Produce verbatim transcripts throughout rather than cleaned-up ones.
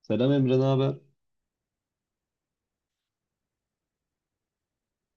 Selam Emre, ne haber?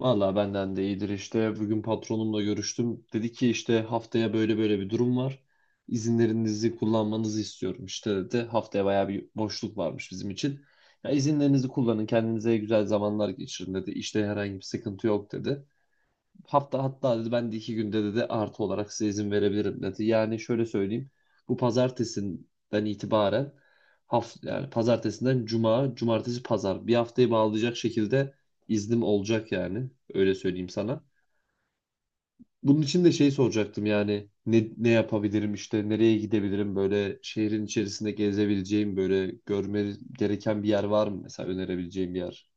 Vallahi benden de iyidir işte. Bugün patronumla görüştüm. Dedi ki işte haftaya böyle böyle bir durum var. İzinlerinizi kullanmanızı istiyorum işte dedi. Haftaya bayağı bir boşluk varmış bizim için. Ya izinlerinizi kullanın, kendinize güzel zamanlar geçirin dedi. İşte herhangi bir sıkıntı yok dedi. Hafta hatta dedi ben de iki günde dedi artı olarak size izin verebilirim dedi. Yani şöyle söyleyeyim. Bu pazartesinden itibaren hafta yani pazartesinden cuma, cumartesi pazar bir haftayı bağlayacak şekilde iznim olacak yani. Öyle söyleyeyim sana. Bunun için de şey soracaktım yani ne, ne yapabilirim işte nereye gidebilirim böyle şehrin içerisinde gezebileceğim böyle görme gereken bir yer var mı mesela önerebileceğim bir yer?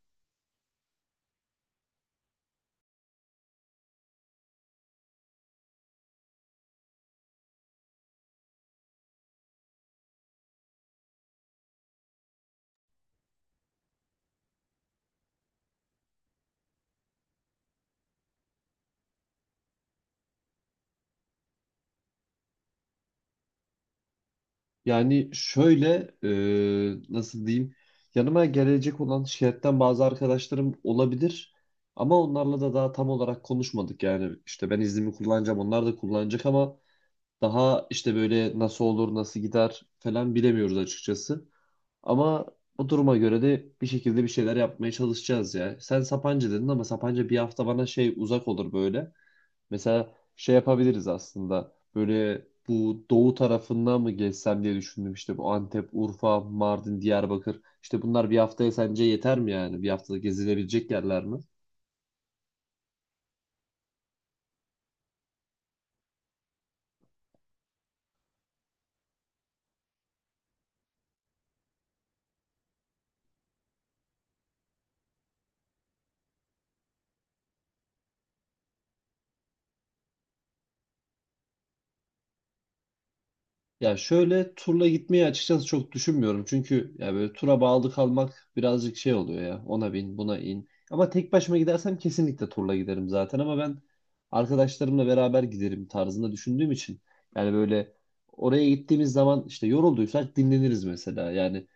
Yani şöyle e, nasıl diyeyim yanıma gelecek olan şirketten bazı arkadaşlarım olabilir ama onlarla da daha tam olarak konuşmadık yani işte ben iznimi kullanacağım onlar da kullanacak ama daha işte böyle nasıl olur nasıl gider falan bilemiyoruz açıkçası ama o duruma göre de bir şekilde bir şeyler yapmaya çalışacağız ya. Sen Sapanca dedin ama Sapanca bir hafta bana şey uzak olur böyle. Mesela şey yapabiliriz aslında. Böyle bu doğu tarafından mı gezsem diye düşündüm. İşte bu Antep, Urfa, Mardin, Diyarbakır. İşte bunlar bir haftaya sence yeter mi yani? Bir haftada gezilebilecek yerler mi? Ya şöyle turla gitmeyi açıkçası çok düşünmüyorum. Çünkü ya böyle tura bağlı kalmak birazcık şey oluyor ya. Ona bin, buna in. Ama tek başıma gidersem kesinlikle turla giderim zaten ama ben arkadaşlarımla beraber giderim tarzında düşündüğüm için yani böyle oraya gittiğimiz zaman işte yorulduysak dinleniriz mesela. Yani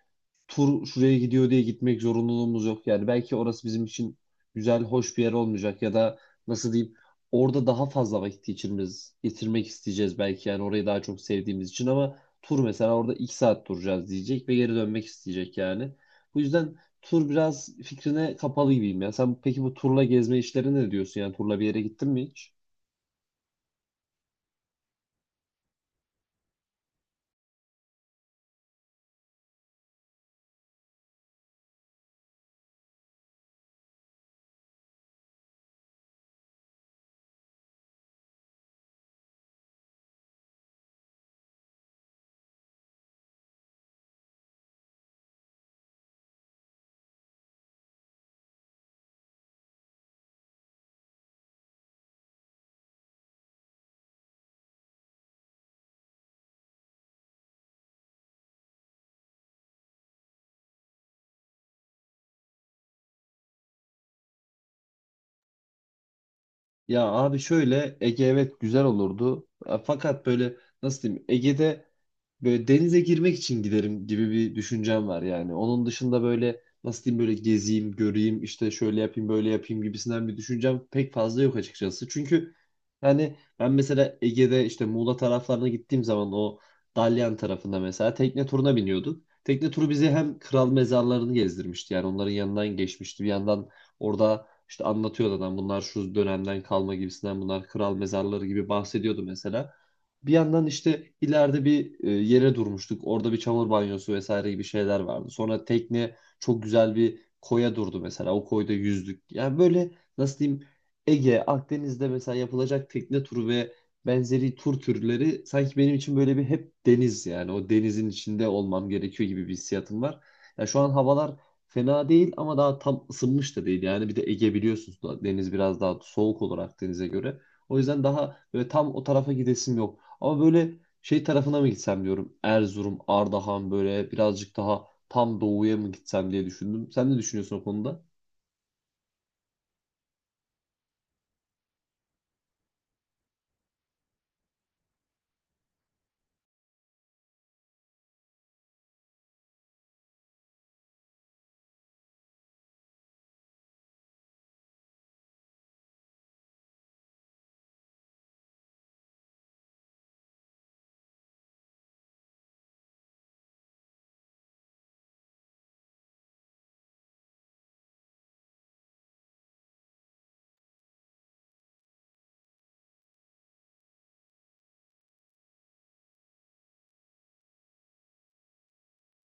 tur şuraya gidiyor diye gitmek zorunluluğumuz yok. Yani belki orası bizim için güzel, hoş bir yer olmayacak ya da nasıl diyeyim orada daha fazla vakit geçirmemiz, getirmek isteyeceğiz belki yani orayı daha çok sevdiğimiz için ama tur mesela orada iki saat duracağız diyecek ve geri dönmek isteyecek yani. Bu yüzden tur biraz fikrine kapalı gibiyim ya. Sen peki bu turla gezme işlerine ne diyorsun yani turla bir yere gittin mi hiç? Ya abi şöyle Ege evet güzel olurdu. E, Fakat böyle nasıl diyeyim Ege'de böyle denize girmek için giderim gibi bir düşüncem var yani. Onun dışında böyle nasıl diyeyim böyle gezeyim, göreyim, işte şöyle yapayım, böyle yapayım gibisinden bir düşüncem pek fazla yok açıkçası. Çünkü yani ben mesela Ege'de işte Muğla taraflarına gittiğim zaman o Dalyan tarafında mesela tekne turuna biniyorduk. Tekne turu bizi hem kral mezarlarını gezdirmişti yani onların yanından geçmişti. Bir yandan orada işte anlatıyordu adam bunlar şu dönemden kalma gibisinden bunlar kral mezarları gibi bahsediyordu mesela. Bir yandan işte ileride bir e, yere durmuştuk. Orada bir çamur banyosu vesaire gibi şeyler vardı. Sonra tekne çok güzel bir koya durdu mesela. O koyda yüzdük. Yani böyle nasıl diyeyim Ege, Akdeniz'de mesela yapılacak tekne turu ve benzeri tur türleri sanki benim için böyle bir hep deniz yani o denizin içinde olmam gerekiyor gibi bir hissiyatım var. Ya şu an havalar fena değil ama daha tam ısınmış da değil. Yani bir de Ege biliyorsunuz da deniz biraz daha soğuk olur Akdeniz'e göre. O yüzden daha böyle tam o tarafa gidesim yok. Ama böyle şey tarafına mı gitsem diyorum. Erzurum, Ardahan böyle birazcık daha tam doğuya mı gitsem diye düşündüm. Sen ne düşünüyorsun o konuda?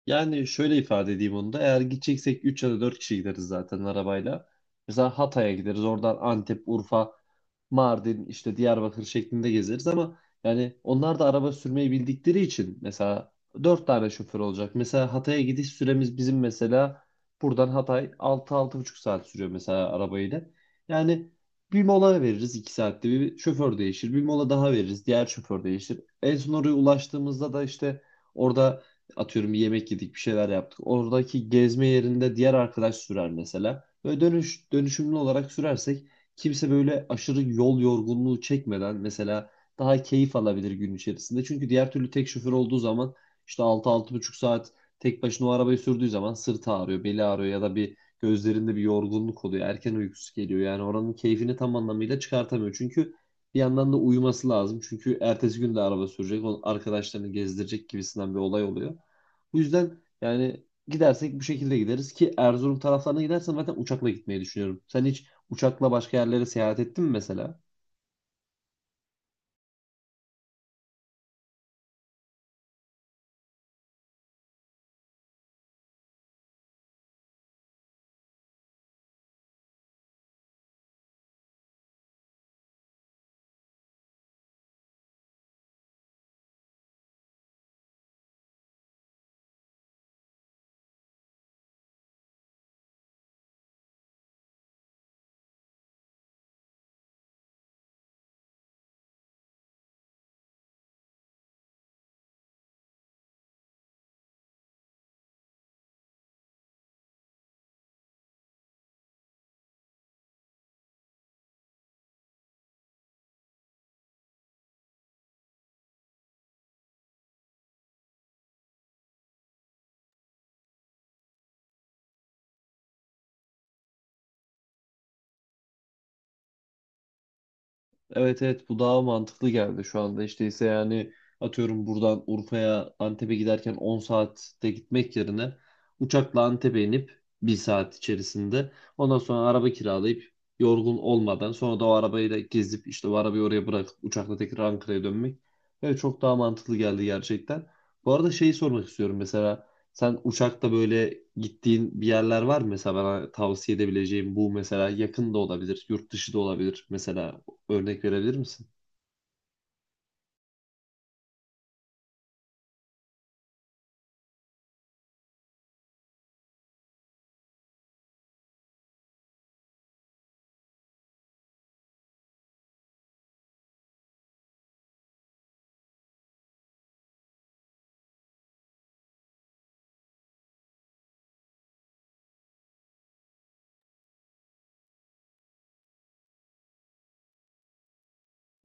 Yani şöyle ifade edeyim onu da. Eğer gideceksek üç ya da dört kişi gideriz zaten arabayla. Mesela Hatay'a gideriz. Oradan Antep, Urfa, Mardin, işte Diyarbakır şeklinde gezeriz ama yani onlar da araba sürmeyi bildikleri için mesela dört tane şoför olacak. Mesela Hatay'a gidiş süremiz bizim mesela buradan Hatay altı-altı buçuk saat sürüyor mesela arabayla. Yani bir mola veririz iki saatte bir şoför değişir. Bir mola daha veririz diğer şoför değişir. En son oraya ulaştığımızda da işte orada atıyorum bir yemek yedik bir şeyler yaptık. Oradaki gezme yerinde diğer arkadaş sürer mesela. Böyle dönüş, dönüşümlü olarak sürersek kimse böyle aşırı yol yorgunluğu çekmeden mesela daha keyif alabilir gün içerisinde. Çünkü diğer türlü tek şoför olduğu zaman işte altı altı buçuk saat tek başına o arabayı sürdüğü zaman sırtı ağrıyor, beli ağrıyor ya da bir gözlerinde bir yorgunluk oluyor. Erken uykusu geliyor. Yani oranın keyfini tam anlamıyla çıkartamıyor. Çünkü bir yandan da uyuması lazım. Çünkü ertesi gün de araba sürecek. O arkadaşlarını gezdirecek gibisinden bir olay oluyor. Bu yüzden yani gidersek bu şekilde gideriz ki Erzurum taraflarına gidersen zaten uçakla gitmeyi düşünüyorum. Sen hiç uçakla başka yerlere seyahat ettin mi mesela? Evet, evet, bu daha mantıklı geldi şu anda. İşte ise yani atıyorum buradan Urfa'ya Antep'e giderken on saatte gitmek yerine uçakla Antep'e inip bir saat içerisinde ondan sonra araba kiralayıp yorgun olmadan sonra da o arabayla gezip işte o arabayı oraya bırakıp uçakla tekrar Ankara'ya dönmek. Evet, çok daha mantıklı geldi gerçekten. Bu arada şeyi sormak istiyorum mesela sen uçakta böyle gittiğin bir yerler var mı mesela bana tavsiye edebileceğim bu mesela yakın da olabilir yurt dışı da olabilir mesela örnek verebilir misin?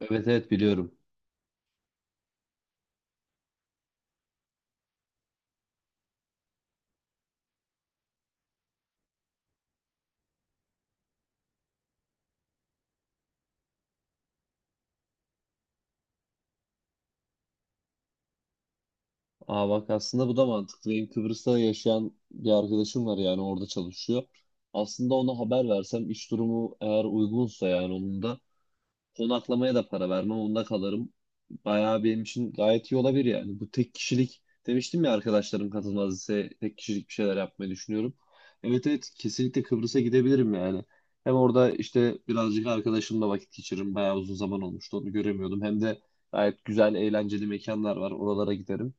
Evet, evet, biliyorum. Aa bak, aslında bu da mantıklı. Benim Kıbrıs'ta yaşayan bir arkadaşım var yani orada çalışıyor. Aslında ona haber versem iş durumu eğer uygunsa yani onun da konaklamaya da para vermem. Onda kalırım. Bayağı benim için gayet iyi olabilir yani. Bu tek kişilik demiştim ya arkadaşlarım katılmaz ise tek kişilik bir şeyler yapmayı düşünüyorum. Evet, evet, kesinlikle Kıbrıs'a gidebilirim yani. Hem orada işte birazcık arkadaşımla vakit geçiririm. Bayağı uzun zaman olmuştu onu göremiyordum. Hem de gayet güzel eğlenceli mekanlar var. Oralara giderim.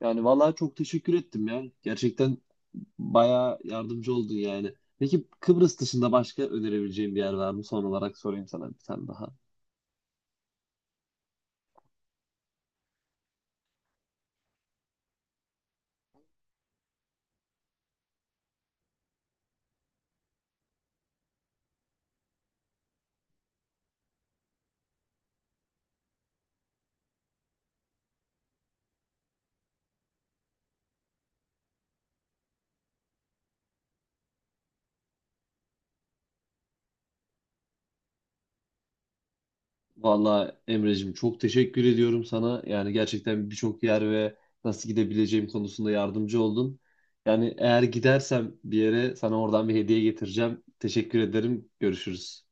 Yani vallahi çok teşekkür ettim ya. Gerçekten bayağı yardımcı oldun yani. Peki Kıbrıs dışında başka önerebileceğim bir yer var mı? Son olarak sorayım sana bir tane daha. Valla Emre'cim çok teşekkür ediyorum sana. Yani gerçekten birçok yer ve nasıl gidebileceğim konusunda yardımcı oldun. Yani eğer gidersem bir yere sana oradan bir hediye getireceğim. Teşekkür ederim. Görüşürüz.